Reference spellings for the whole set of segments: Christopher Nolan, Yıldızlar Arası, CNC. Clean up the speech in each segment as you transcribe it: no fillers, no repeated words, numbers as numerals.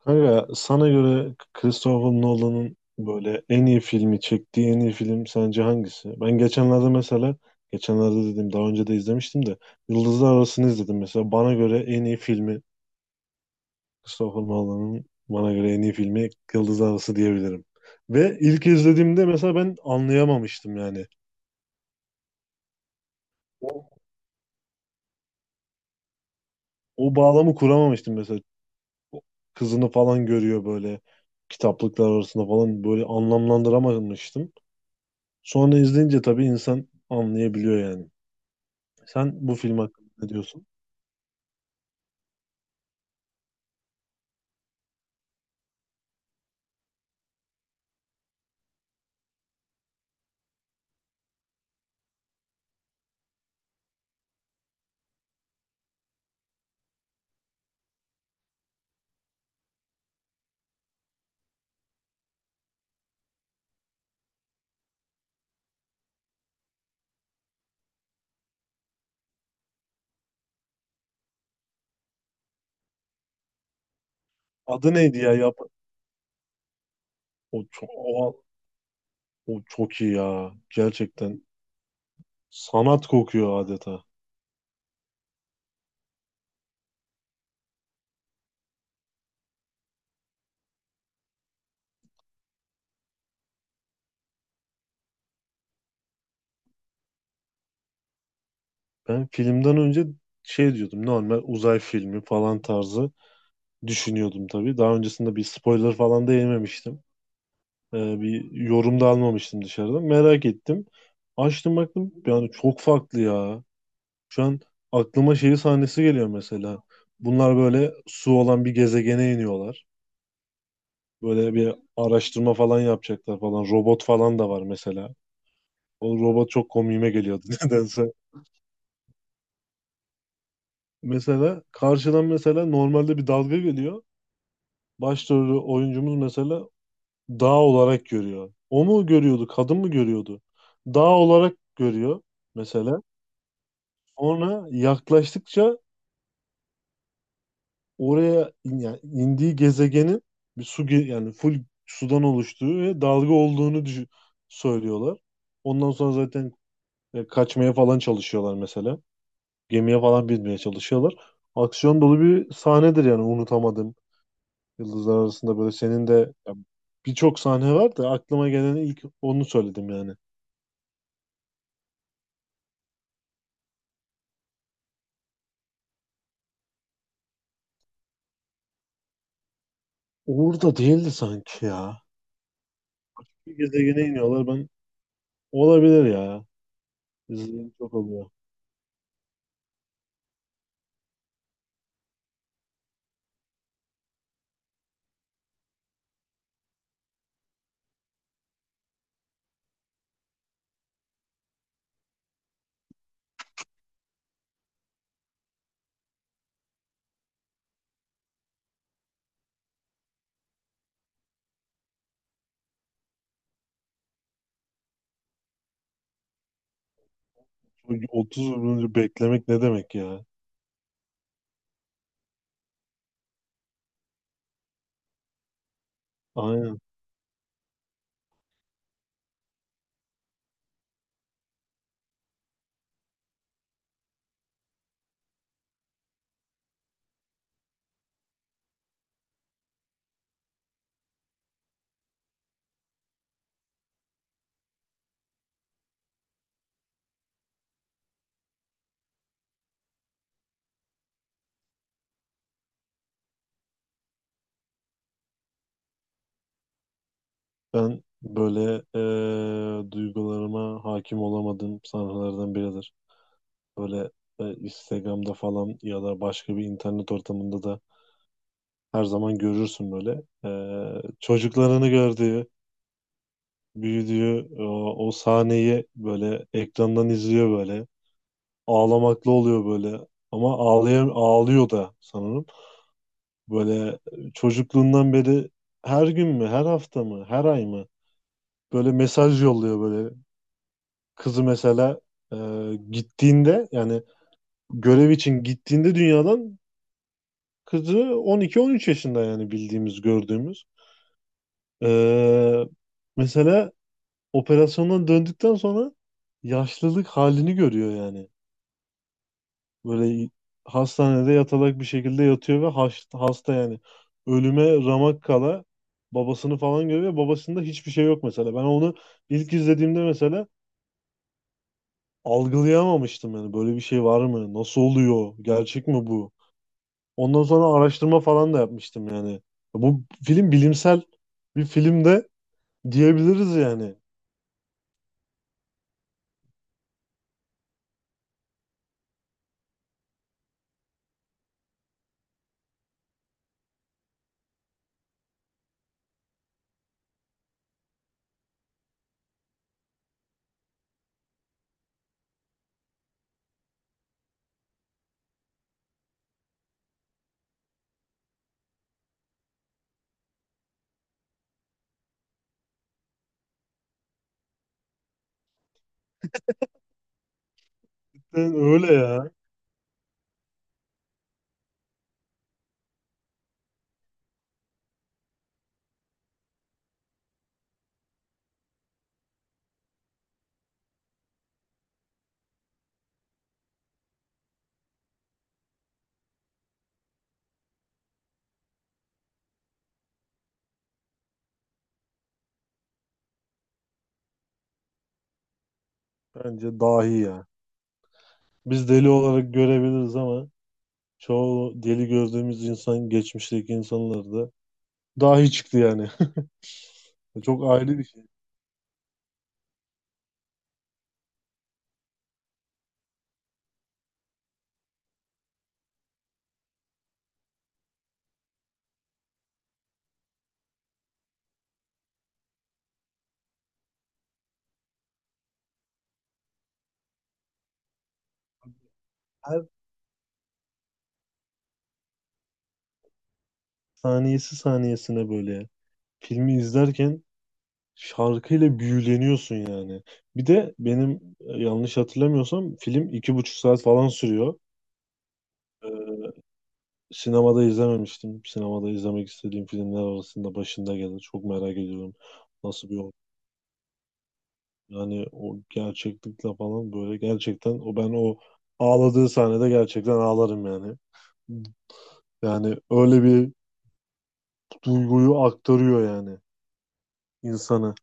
Kanka sana göre Christopher Nolan'ın böyle en iyi filmi çektiği en iyi film sence hangisi? Ben geçenlerde mesela geçenlerde dedim, daha önce de izlemiştim de Yıldızlar Arası'nı izledim mesela. Bana göre en iyi filmi, Christopher Nolan'ın bana göre en iyi filmi Yıldızlar Arası diyebilirim. Ve ilk izlediğimde mesela ben anlayamamıştım yani. O bağlamı kuramamıştım mesela. Kızını falan görüyor böyle, kitaplıklar arasında falan, böyle anlamlandıramamıştım. Sonra izleyince tabii insan anlayabiliyor yani. Sen bu film hakkında ne diyorsun? Adı neydi ya? Yap o, çok, o, o çok iyi ya. Gerçekten sanat kokuyor adeta. Ben filmden önce şey diyordum. Normal uzay filmi falan tarzı düşünüyordum tabii. Daha öncesinde bir spoiler falan da yememiştim. Bir yorum da almamıştım dışarıdan. Merak ettim. Açtım baktım. Yani çok farklı ya. Şu an aklıma şeyi sahnesi geliyor mesela. Bunlar böyle su olan bir gezegene iniyorlar. Böyle bir araştırma falan yapacaklar falan. Robot falan da var mesela. O robot çok komiğime geliyordu nedense. Mesela karşıdan mesela normalde bir dalga geliyor. Başrolü oyuncumuz mesela dağ olarak görüyor. O mu görüyordu, kadın mı görüyordu? Dağ olarak görüyor mesela. Sonra yaklaştıkça oraya yani indiği gezegenin yani full sudan oluştuğu ve dalga olduğunu söylüyorlar. Ondan sonra zaten kaçmaya falan çalışıyorlar mesela. Gemiye falan binmeye çalışıyorlar. Aksiyon dolu bir sahnedir, yani unutamadım. Yıldızlar arasında böyle senin de ya, birçok sahne var da aklıma gelen ilk onu söyledim yani. Orada değildi sanki ya. Bir gezegene iniyorlar, ben olabilir ya. İzlediğim çok oluyor. Çünkü 30 yıl önce beklemek ne demek ya? Aynen. Ben böyle duygularıma hakim olamadığım sahnelerden biridir. Böyle Instagram'da falan ya da başka bir internet ortamında da her zaman görürsün böyle. Çocuklarını gördüğü, büyüdüğü o sahneyi böyle ekrandan izliyor böyle. Ağlamaklı oluyor böyle. Ama ağlıyor da sanırım. Böyle çocukluğundan beri her gün mü, her hafta mı, her ay mı böyle mesaj yolluyor böyle. Kızı mesela e, gittiğinde, yani görev için gittiğinde dünyadan, kızı 12-13 yaşında yani, bildiğimiz, gördüğümüz. Ee, Mesela operasyondan döndükten sonra yaşlılık halini görüyor yani. Böyle hastanede yatalak bir şekilde yatıyor ve hasta yani. Ölüme ramak kala babasını falan görüyor. Babasında hiçbir şey yok mesela. Ben onu ilk izlediğimde mesela algılayamamıştım yani. Böyle bir şey var mı? Nasıl oluyor? Gerçek mi bu? Ondan sonra araştırma falan da yapmıştım yani. Bu film bilimsel bir film de diyebiliriz yani. Ben öyle ya. Bence dahi ya. Biz deli olarak görebiliriz ama çoğu deli gördüğümüz insan, geçmişteki insanlar da dahi çıktı yani. Çok ayrı bir şey. Her saniyesi saniyesine böyle ya. Filmi izlerken şarkıyla büyüleniyorsun yani. Bir de benim yanlış hatırlamıyorsam film iki buçuk saat falan sürüyor. Sinemada izlememiştim. Sinemada izlemek istediğim filmler arasında başında gelir. Çok merak ediyorum. Nasıl bir o, yani o gerçeklikle falan böyle gerçekten o, ben o ağladığı sahnede gerçekten ağlarım yani. Yani öyle bir duyguyu aktarıyor yani insana.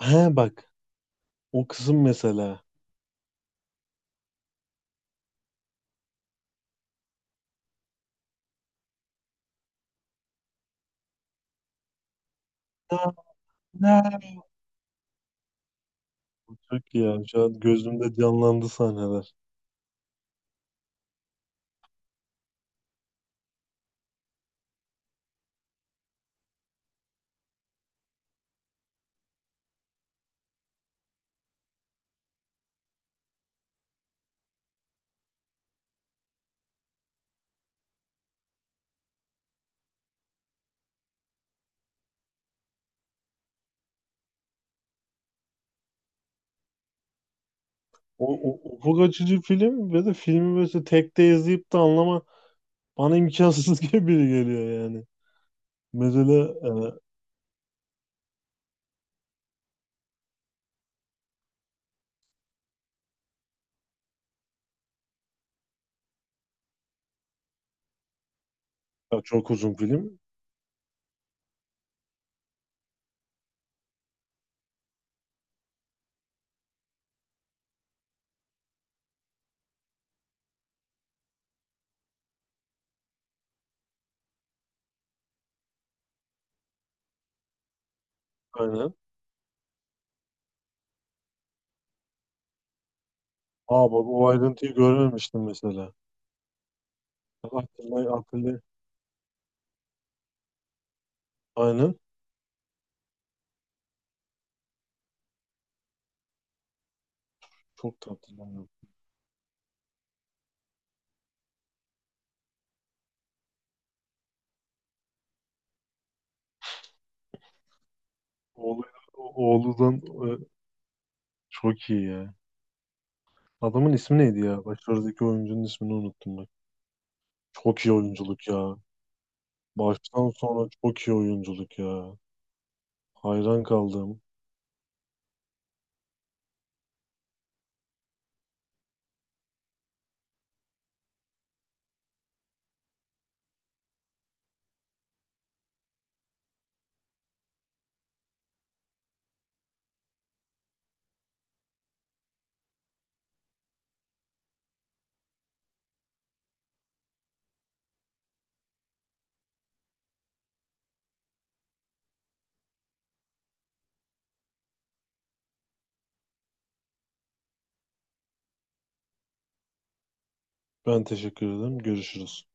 He bak, o kızım mesela. Ne? Çok iyi ya. Şu an gözümde canlandı sahneler. O, O ufuk açıcı film ve de filmi böyle tek de izleyip de anlama bana imkansız gibi geliyor yani. Mesela ya çok uzun film. Aynen. Aa bak, o ayrıntıyı görmemiştim mesela. Akıllı, akıllı. Aynen. Çok tatlı yani. Oğlu, oğludan e, çok iyi ya. Adamın ismi neydi ya? Başarıdaki oyuncunun ismini unuttum bak. Çok iyi oyunculuk ya. Baştan sona çok iyi oyunculuk ya. Hayran kaldım. Ben teşekkür ederim. Görüşürüz.